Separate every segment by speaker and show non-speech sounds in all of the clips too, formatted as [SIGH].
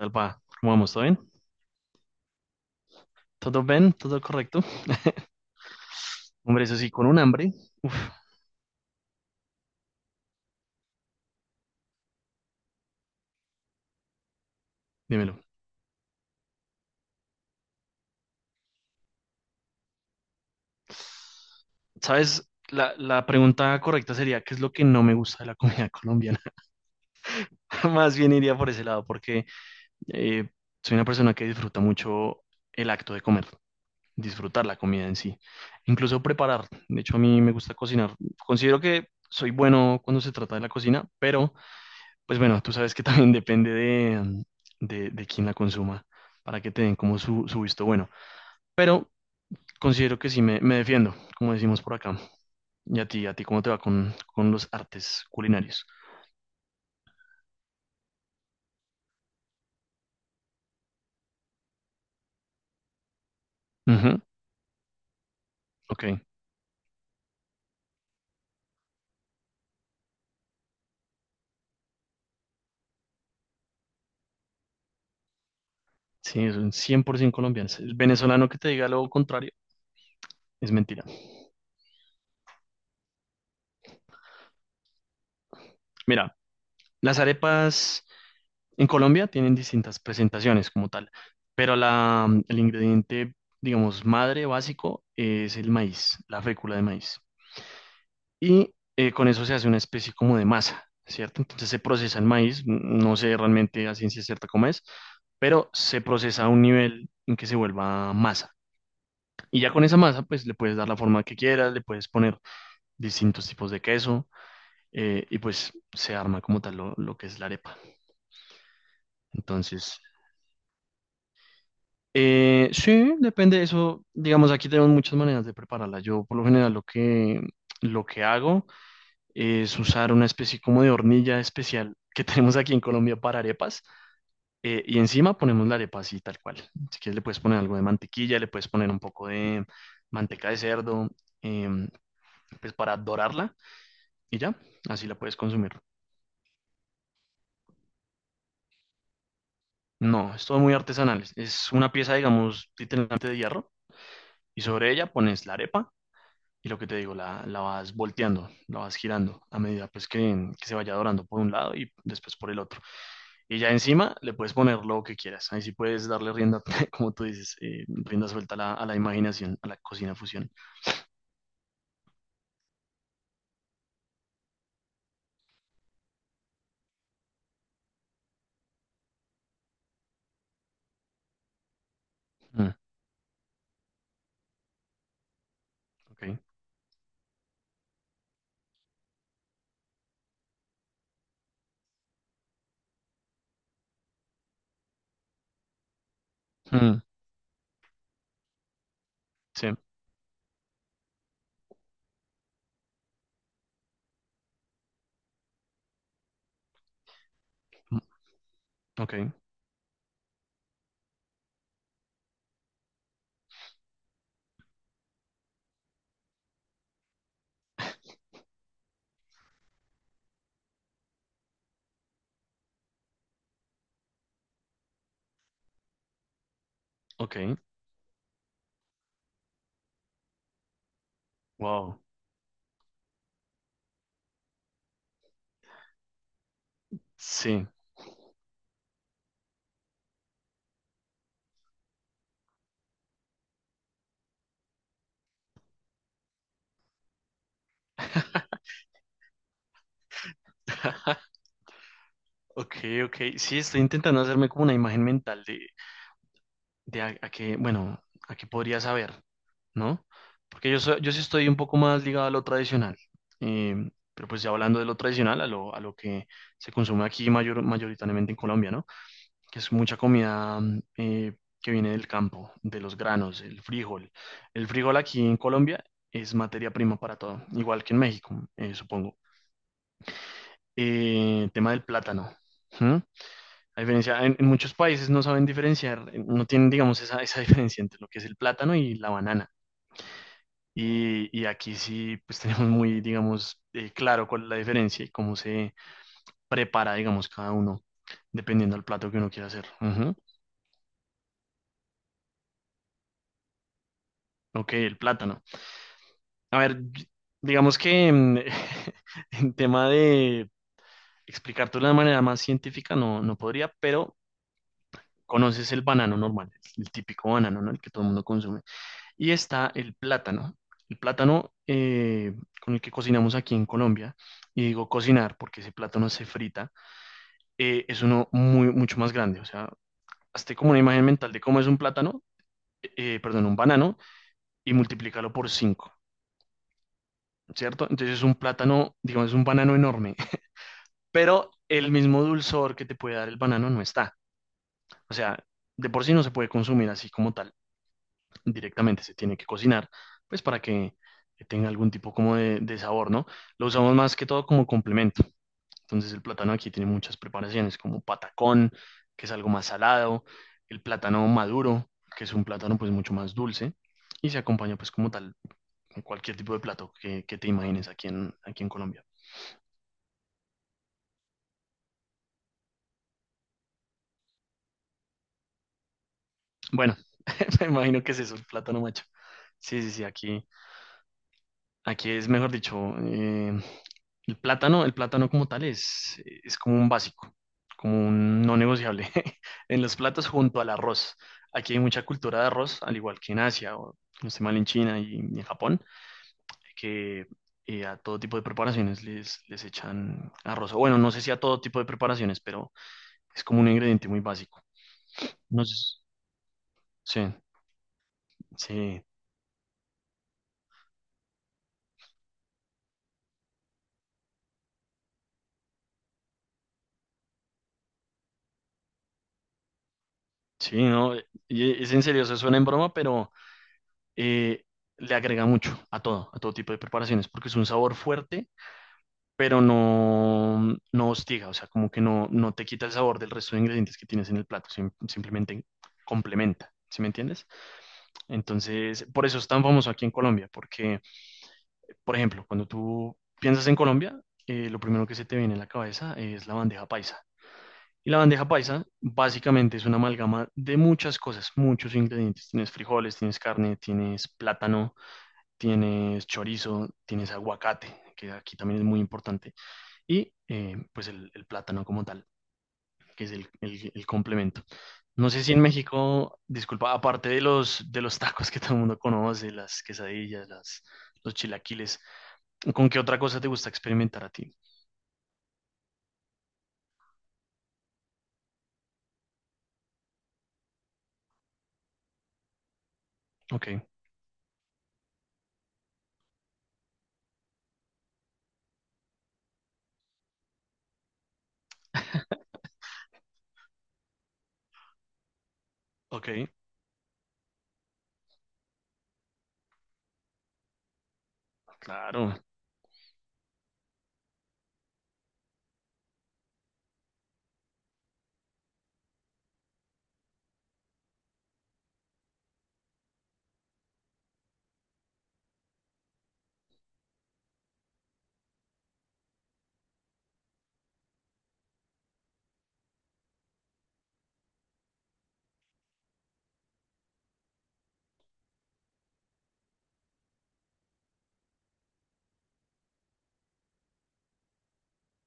Speaker 1: Alba, ¿cómo vamos? ¿Todo bien? ¿Todo bien? ¿Todo correcto? Hombre, eso sí, con un hambre. Uf, dímelo. ¿Sabes? La pregunta correcta sería, ¿qué es lo que no me gusta de la comida colombiana? [LAUGHS] Más bien iría por ese lado, porque eh, soy una persona que disfruta mucho el acto de comer, disfrutar la comida en sí, incluso preparar. De hecho, a mí me gusta cocinar. Considero que soy bueno cuando se trata de la cocina, pero pues bueno, tú sabes que también [LAUGHS] depende de quién la consuma para que te den como su visto bueno. Pero considero que sí me defiendo, como decimos por acá. ¿Y a ti, cómo te va con los artes culinarios? Ujú. Ok. Sí, es un 100% colombiano. El venezolano que te diga lo contrario es mentira. Mira, las arepas en Colombia tienen distintas presentaciones como tal, pero el ingrediente, digamos, madre básico es el maíz, la fécula de maíz. Y con eso se hace una especie como de masa, ¿cierto? Entonces se procesa el maíz, no sé realmente a ciencia cierta cómo es, pero se procesa a un nivel en que se vuelva masa. Y ya con esa masa, pues le puedes dar la forma que quieras, le puedes poner distintos tipos de queso, y pues se arma como tal lo que es la arepa. Entonces, sí, depende de eso. Digamos, aquí tenemos muchas maneras de prepararla. Yo por lo general lo que hago es usar una especie como de hornilla especial que [LAUGHS] tenemos aquí en Colombia para arepas, y encima ponemos la arepa así tal cual. Si quieres le puedes poner algo de mantequilla, le puedes poner un poco de manteca de cerdo, em, pues para dorarla y ya, así la puedes consumir. No, es todo muy artesanal. Es una pieza, digamos, literalmente de hierro y sobre ella pones la arepa y lo que te digo, la vas volteando, la vas girando a medida pues que se vaya dorando por un lado y después por el otro. Y ya encima le puedes poner lo que quieras. Ahí sí puedes darle rienda, [LAUGHS] como tú dices, rienda suelta a la imaginación, a la cocina fusión. Mm, ok. Mm, sí. Mm. Ok. Ok. Wow. Sí. [LAUGHS] Ok, ok. Sí, estoy intentando hacerme como una imagen mental de a qué, bueno, a qué podría saber, ¿no? Porque yo sí estoy un poco más ligado a lo tradicional. Pero pues ya hablando de lo tradicional, a lo que se consume aquí mayoritariamente en Colombia, ¿no? Que es mucha comida que viene del campo, de los granos, el frijol. El frijol aquí en Colombia es materia prima para todo, igual que en México, supongo. Tema del plátano. ¿M? A diferencia, en muchos países no saben diferenciar, no tienen, digamos, esa [LAUGHS] diferencia entre lo que es el plátano y la banana. Y aquí sí, pues [LAUGHS] tenemos muy, digamos, claro cuál es la diferencia y cómo se prepara, digamos, cada uno, dependiendo del plato que uno quiera hacer. Ujú. Ok, el plátano. A ver, digamos que [LAUGHS] en tema de explicártelo de manera más científica no podría, pero conoces el banano normal, el típico banano, ¿no? El que todo el mundo consume. Y está el plátano. El plátano, con el que cocinamos aquí en Colombia, y digo cocinar porque ese plátano se frita. Es uno mucho más grande. O sea, hazte como una imagen mental de cómo es un plátano, eh, perdón, un banano, y multiplícalo por cinco. ¿Cierto? Entonces es un plátano, digamos, es un banano enorme, pero el mismo dulzor que te puede dar el banano no está. O sea, de por sí no se puede consumir así como tal, directamente se tiene que cocinar, pues para que tenga algún tipo como de sabor, ¿no? Lo usamos más que todo como complemento. Entonces el plátano aquí tiene muchas preparaciones, como patacón, que es algo más salado, el plátano maduro, que es un plátano pues mucho más dulce, y se acompaña pues como tal con cualquier tipo de plato que te imagines aquí en Colombia. Bueno, [LAUGHS] me imagino que es eso, el plátano macho. Sí, sí, sí, aquí es, mejor dicho, el plátano como tal es como un básico, como un no negociable [LAUGHS] en los platos junto al arroz. Aquí hay mucha cultura de arroz, al igual que en Asia, o no estoy mal, en China y en Japón, que a todo tipo de preparaciones les echan arroz. O bueno, no sé si a todo tipo de preparaciones, pero es como un ingrediente muy básico. No sé. Sí, sí. Sí, no. Y es en serio, eso suena en broma, pero eh, le agrega mucho a todo tipo de preparaciones, porque es un sabor fuerte, pero no hostiga, o sea, como que no te quita el sabor del resto de ingredientes que tienes en el plato, simplemente complementa, ¿sí me entiendes? Entonces, por eso es tan famoso aquí en Colombia, porque, por ejemplo, cuando tú piensas en Colombia, lo primero que se te viene a la cabeza es la bandeja paisa. Y la bandeja paisa básicamente es una amalgama de muchas cosas, muchos ingredientes. Tienes frijoles, tienes carne, tienes plátano, tienes chorizo, tienes aguacate, que aquí también es muy importante, y pues el plátano como tal, que es el complemento. No sé si en México, disculpa, aparte de de los tacos que todo el mundo conoce, las quesadillas, los chilaquiles, ¿con qué otra cosa te gusta experimentar a ti? Ok. [LAUGHS] Ok, claro,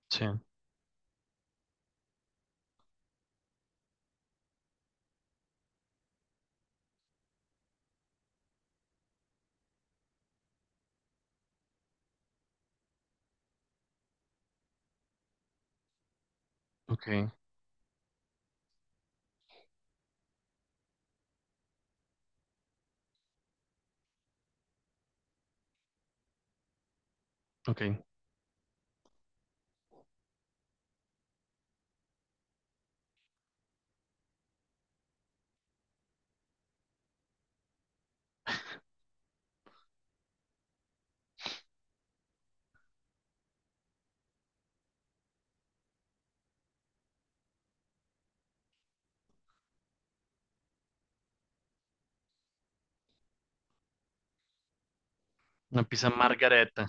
Speaker 1: sí, ok, ok. Una pizza margareta.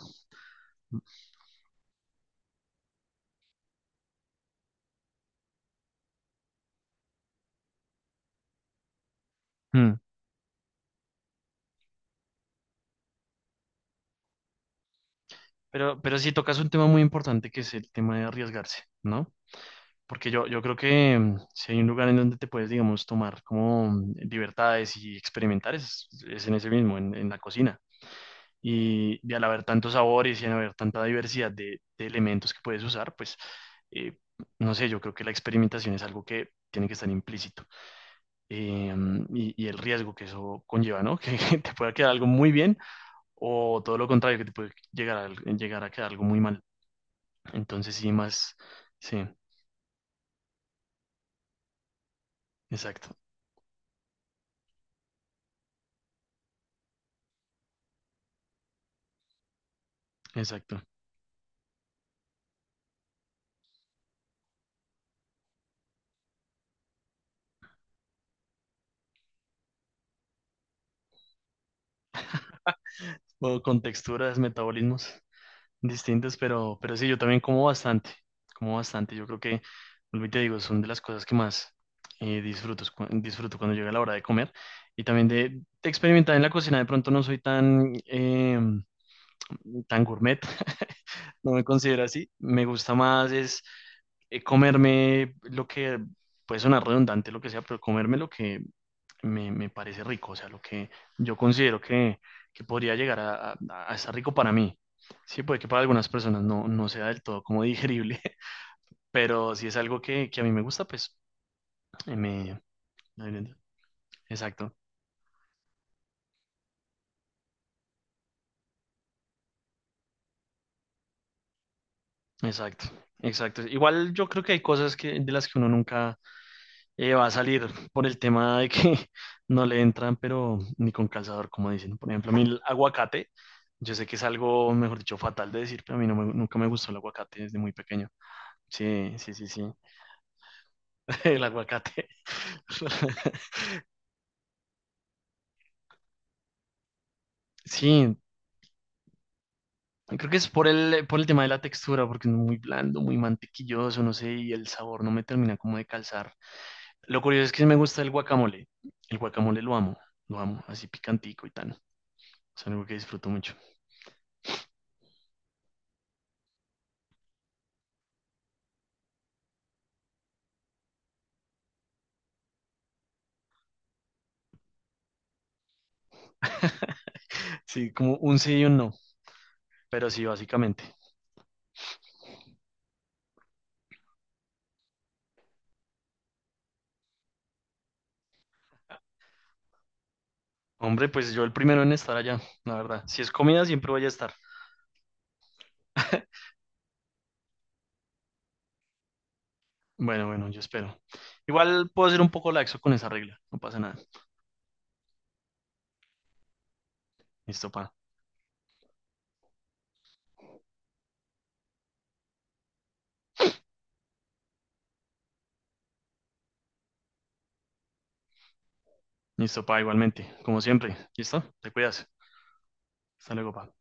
Speaker 1: Mm. Pero sí tocas un tema muy importante que es el tema de arriesgarse, ¿no? Porque yo creo que, si hay un lugar en donde te puedes, digamos, tomar como libertades y experimentar, es en ese mismo, en la cocina. Y al haber tantos sabores y al haber tanta diversidad de elementos que puedes usar, pues, eh, no sé, yo creo que la experimentación es algo que tiene que estar implícito. Y el riesgo que eso conlleva, ¿no? [LAUGHS] Que te pueda quedar algo muy bien o todo lo contrario, que te puede llegar a quedar algo muy mal. Entonces sí, más, sí, exacto, exacto. O con texturas, metabolismos distintos, pero sí, yo también como bastante, como bastante. Yo creo que, vuelvo y te digo, son de las cosas que más disfruto, disfruto cuando llega la hora de comer. Y también de experimentar en la cocina, de pronto no soy tan, tan gourmet, no me considero así. Me gusta más es comerme lo que, puede sonar redundante, lo que sea, pero comerme lo que me parece rico, o sea, lo que yo considero que podría llegar a estar rico para mí. Sí, puede que para algunas personas no sea del todo como digerible, [LAUGHS] pero si es algo que a mí me gusta, pues eh, me... Exacto, exacto, exacto. Igual yo creo que hay cosas que, de las que uno nunca va a salir por el tema de que [LAUGHS] no le entran, pero ni con calzador, como dicen. Por ejemplo, a mí el aguacate, yo sé que es algo, mejor dicho, fatal de decir, pero a mí nunca me gustó el aguacate desde muy pequeño. Sí, sí, sí, sí, [LAUGHS] el aguacate. [LAUGHS] Sí, creo que es por el tema de la textura, porque es muy blando, muy mantequilloso, no sé, y el sabor no me termina como de calzar. Lo curioso es que sí me gusta el guacamole. El guacamole lo amo, así picantico y tan. Es algo que disfruto mucho. [LAUGHS] Sí, como un sí y un no, pero sí, básicamente. Hombre, pues yo el primero en estar allá, la verdad. Si es comida, siempre voy a estar. [LAUGHS] Bueno, bueno, yo espero. Igual puedo ser un poco laxo con esa regla, no pasa nada. Listo, pa. Listo, pa, igualmente, como siempre. ¿Listo? Te cuidas. Hasta luego, pa.